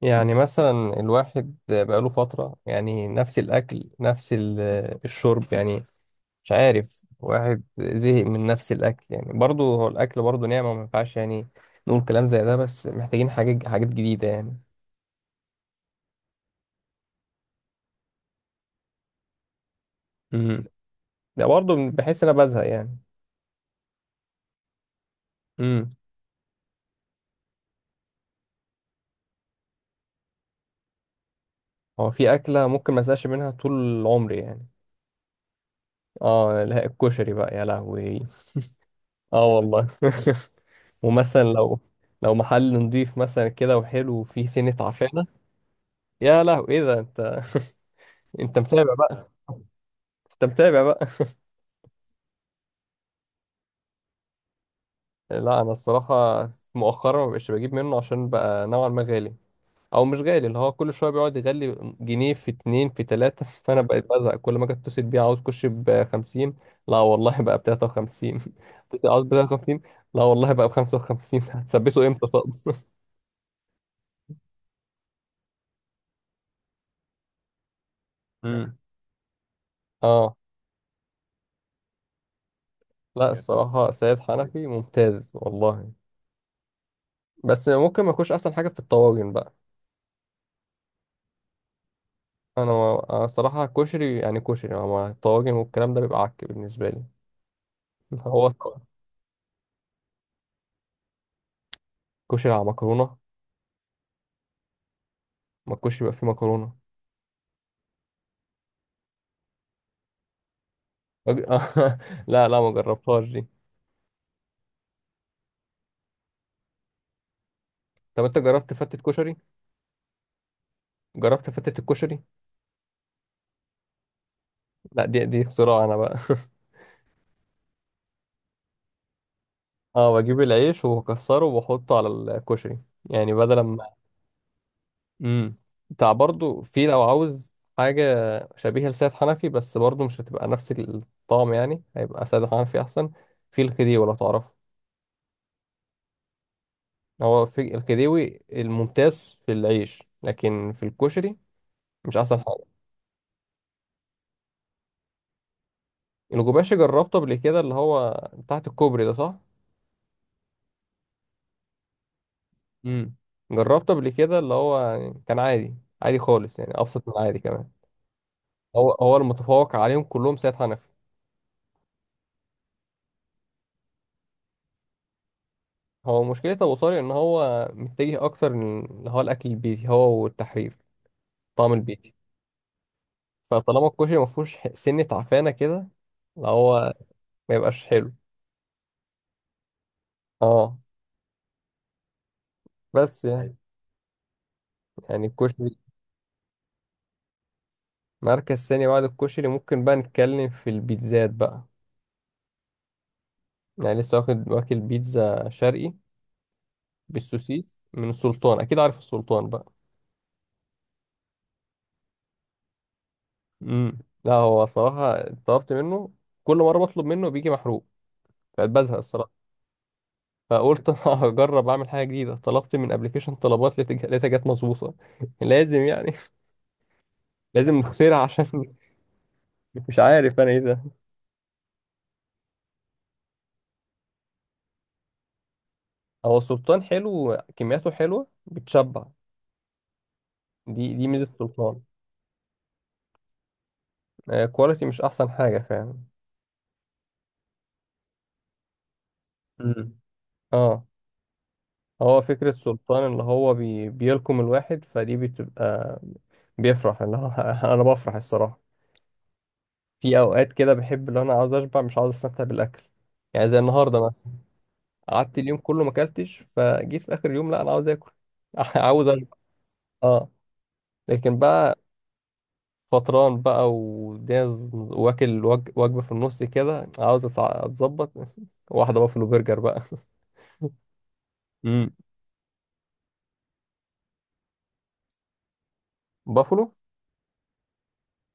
يعني مثلا الواحد بقاله فترة يعني نفس الأكل نفس الشرب يعني. مش عارف، واحد زهق من نفس الأكل يعني، برضه هو الأكل برضه نعمة، ما ينفعش يعني نقول كلام زي ده، بس محتاجين حاجات جديدة يعني. امم ده برضه بحس إن أنا بزهق يعني. امم هو في أكلة ممكن ما أزهقش منها طول عمري يعني. اه لا، الكشري بقى يا لهوي. اه والله. ومثلا لو محل نضيف مثلا كده وحلو وفيه سنة عفانة. يا لهوي، ايه ده انت؟ انت متابع بقى؟ انت متابع بقى؟ لا، انا الصراحه مؤخرا ما بقتش بجيب منه عشان بقى نوعا ما غالي. او مش غالي، اللي هو كل شويه بيقعد يغلي، جنيه في اتنين في تلاته. فانا بقيت بزهق كل ما اجي اتصل بيه، عاوز كوش ب 50. لا والله، بقى ب 53. عاوز ب 53. لا والله، بقى ب 55. هتثبته امتى طب؟ امم اه لا، الصراحه سيد حنفي ممتاز والله. بس ممكن ما يكونش احسن حاجه في الطواجن بقى. انا الصراحه كشري يعني، كشري مع الطواجن والكلام ده بيبقى عك بالنسبه لي. هو كشري على مكرونه؟ ما الكشري يبقى فيه مكرونه. أج- لا لا، ما جربتهاش دي. طب انت جربت فتة كشري؟ جربت فتة الكشري؟ لا، دي اختراع انا بقى. اه، بجيب العيش وبكسره وبحطه على الكشري، يعني بدل ما… امم بتاع برضو في لو عاوز حاجه شبيهه لسيد حنفي، بس برضو مش هتبقى نفس الطعم، يعني هيبقى سيد حنفي احسن. في الخديوي لو تعرفه. هو في الخديوي الممتاز في العيش، لكن في الكشري مش احسن حاجه. الجوباشي جربته قبل كده، اللي هو تحت الكوبري ده، صح؟ امم جربته قبل كده، اللي هو يعني كان عادي، عادي خالص، يعني ابسط من العادي كمان. هو هو المتفوق عليهم كلهم سيد حنفي. هو مشكله ابو طارق ان هو متجه اكتر اللي هو الاكل البيتي، هو والتحرير، طعم البيتي. فطالما الكشري ما فيهوش سنه تعفانه كده، اللي هو ما يبقاش حلو. اه، بس يعني يعني الكشري… مركز ثاني بعد الكشري ممكن بقى نتكلم في البيتزات بقى. يعني لسه واخد واكل بيتزا شرقي بالسوسيس من السلطان، اكيد عارف السلطان بقى. امم لا، هو صراحة طلبت منه، كل مرة بطلب منه بيجي محروق، فبزهق الصراحة. فقلت أنا هجرب اعمل حاجة جديدة، طلبت من ابلكيشن طلبات، لقيت لقيتها جت مظبوطة. لازم يعني. لازم نخترع عشان… مش عارف انا ايه ده. هو السلطان حلو، كمياته حلوة بتشبع. دي ميزة السلطان. آه، كواليتي مش احسن حاجة فعلا. مم. اه. هو فكرة سلطان اللي هو بيلكم الواحد، فدي بتبقى بيفرح، اللي هو انا بفرح الصراحة. في اوقات كده بحب اللي انا عاوز اشبع، مش عاوز استمتع بالاكل، يعني زي النهاردة مثلا. قعدت اليوم كله ما اكلتش، فجيت في اخر اليوم، لا انا عاوز اكل. عاوز اشبع. اه، لكن بقى فطران بقى والدنيا واكل وجبة في النص كده، عاوز اتظبط. واحدة بافلو برجر بقى. امم بافلو.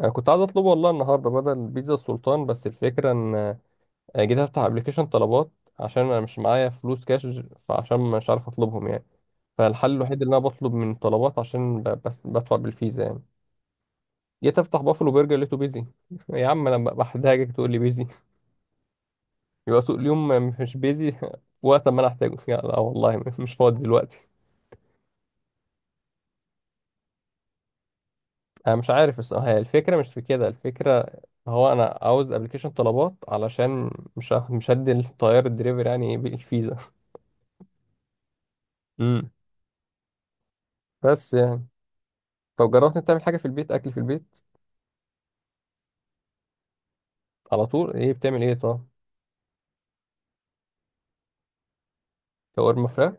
انا كنت عايز اطلبه والله النهارده بدل بيتزا السلطان، بس الفكره ان آه، جيت افتح ابلكيشن طلبات عشان انا مش معايا فلوس كاش، فعشان مش عارف اطلبهم يعني. فالحل الوحيد اللي انا بطلب من طلبات عشان بدفع بالفيزا يعني. جيت افتح بافلو برجر لقيته بيزي. يا عم انا بحتاجك تقول لي بيزي، يبقى سوق اليوم. مش بيزي وقت ما انا احتاجه؟ لا لا والله، مش فاضي دلوقتي. انا مش عارف الصراحه، هي الفكره مش في كده الفكره. هو انا عاوز ابلكيشن طلبات علشان مش هدي الطيار الدليفري يعني إيه بالفيزا. امم بس يعني… طب جربت انت تعمل حاجه في البيت، اكل في البيت؟ على طول ايه بتعمل، ايه طب؟ شاورما فراخ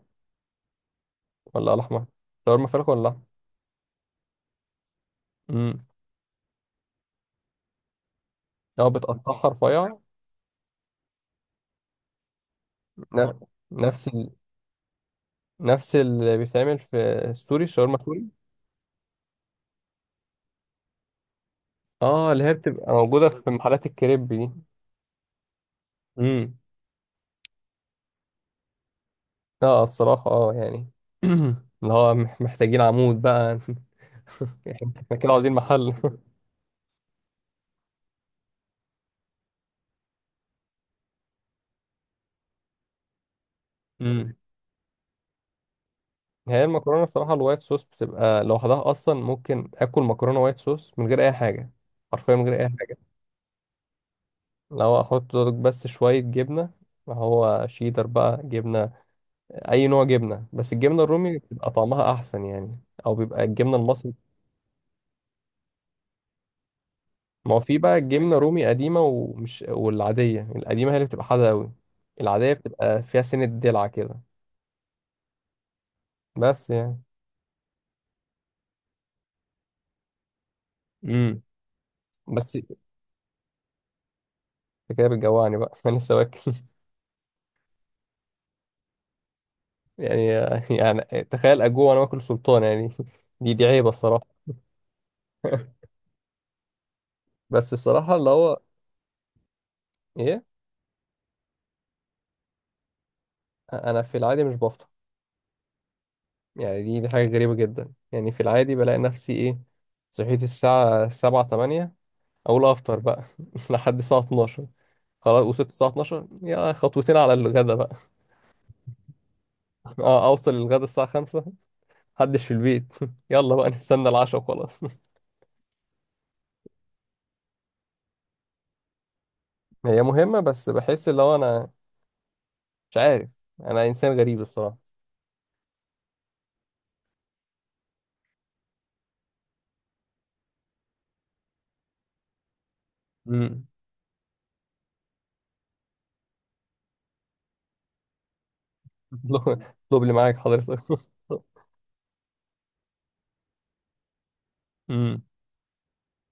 ولا على احمر؟ شاورما فراخ ولا لحمه؟ امم اه، بتقطعها رفيع؟ ن- نفس نفس اللي بيتعمل في السوري، الشاورما السوري؟ اه، اللي هي بتبقى موجوده في محلات الكريب دي. امم اه الصراحه، اه يعني اللي هو محتاجين عمود بقى. احنا كده عاوزين محل. امم هي المكرونه بصراحه الوايت صوص بتبقى لوحدها اصلا، ممكن اكل مكرونه وايت صوص من غير اي حاجه، حرفيا من غير اي حاجه. لو احط بس شويه جبنه، ما هو شيدر بقى جبنه، اي نوع جبنه، بس الجبنه الرومي بتبقى طعمها احسن يعني، او بيبقى الجبنه المصري. ما هو في بقى الجبنه رومي قديمه ومش… والعاديه القديمه هي اللي بتبقى حادقه قوي. العاديه بتبقى فيها سنه دلع كده. بس يعني… امم بس انت كده بتجوعني بقى. انا لسه واكل يعني. يعني تخيل اجوع وانا باكل سلطان يعني. دي عيبه الصراحه. بس الصراحه اللي هو ايه… انا في العادي مش بفطر. يعني دي حاجه غريبه جدا، يعني في العادي بلاقي نفسي ايه، صحيت الساعه 7 8، اقول افطر بقى. لحد الساعه 12، خلاص وصلت الساعه 12، يا خطوتين على الغدا بقى. اه، اوصل للغدا الساعه 5، محدش في البيت. يلا بقى نستنى العشاء وخلاص. هي مهمه، بس بحس اللي هو انا مش عارف، انا انسان غريب. الصراحه دبل معاك حضرتك. امم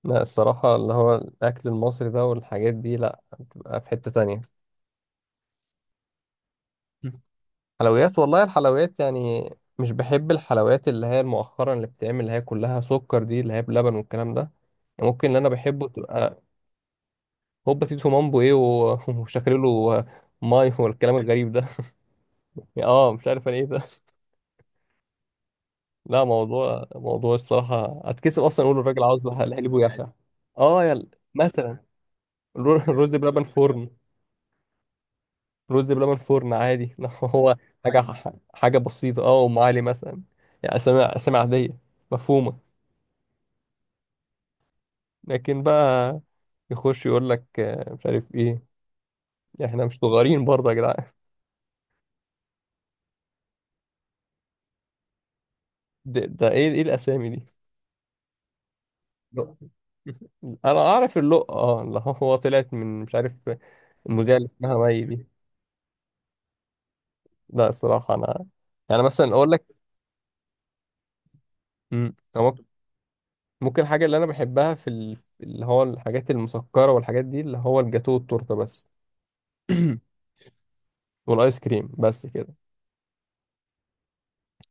لا الصراحة اللي هو الأكل المصري ده والحاجات دي، لا بتبقى في حتة تانية. حلويات، والله الحلويات يعني مش بحب الحلويات اللي هي مؤخرا اللي بتتعمل، اللي هي كلها سكر دي، اللي هي بلبن والكلام ده. يعني ممكن اللي أنا بحبه تبقى… هوبا تيتو مامبو إيه وشكله له ماي والكلام الغريب ده؟ اه، مش عارف انا ايه ده. لا، موضوع الصراحة اتكسف اصلا اقول الراجل عاوز لحليب ويحيى. اه يا مثلا الرز بلبن فرن، رز بلبن فرن عادي. لو هو حاجة، حاجة بسيطة، اه أم علي مثلا. يعني أسامي عادية، مفهومة. لكن بقى يخش يقول لك آه، مش عارف إيه، إحنا مش صغيرين برضه يا جدعان. ده إيه؟ إيه الأسامي دي؟ لأ. أنا أعرف اللقة، اه اللي هو طلعت من مش عارف، المذيعة اللي اسمها مي دي. لا الصراحة أنا يعني مثلا أقول لك… مم، هو ممكن… ممكن الحاجة اللي أنا بحبها في اللي هو الحاجات المسكرة والحاجات دي، اللي هو الجاتو والتورتة بس. والايس كريم، بس كده.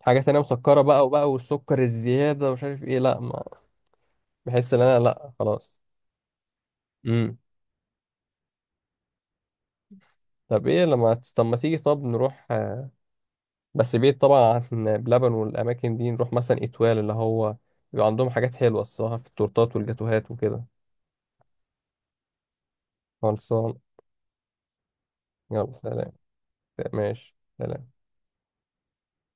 حاجه تانية مسكره بقى وبقى، والسكر الزياده ومش عارف ايه، لا ما بحس ان انا، لا خلاص. امم طب ايه لما… طب ما تيجي طب نروح آه، بس بعيد طبعا عن بلبن والاماكن دي، نروح مثلا اتوال اللي هو بيبقى عندهم حاجات حلوه الصراحه في التورتات والجاتوهات وكده. خلصان. يلا سلام. ماشي سلام.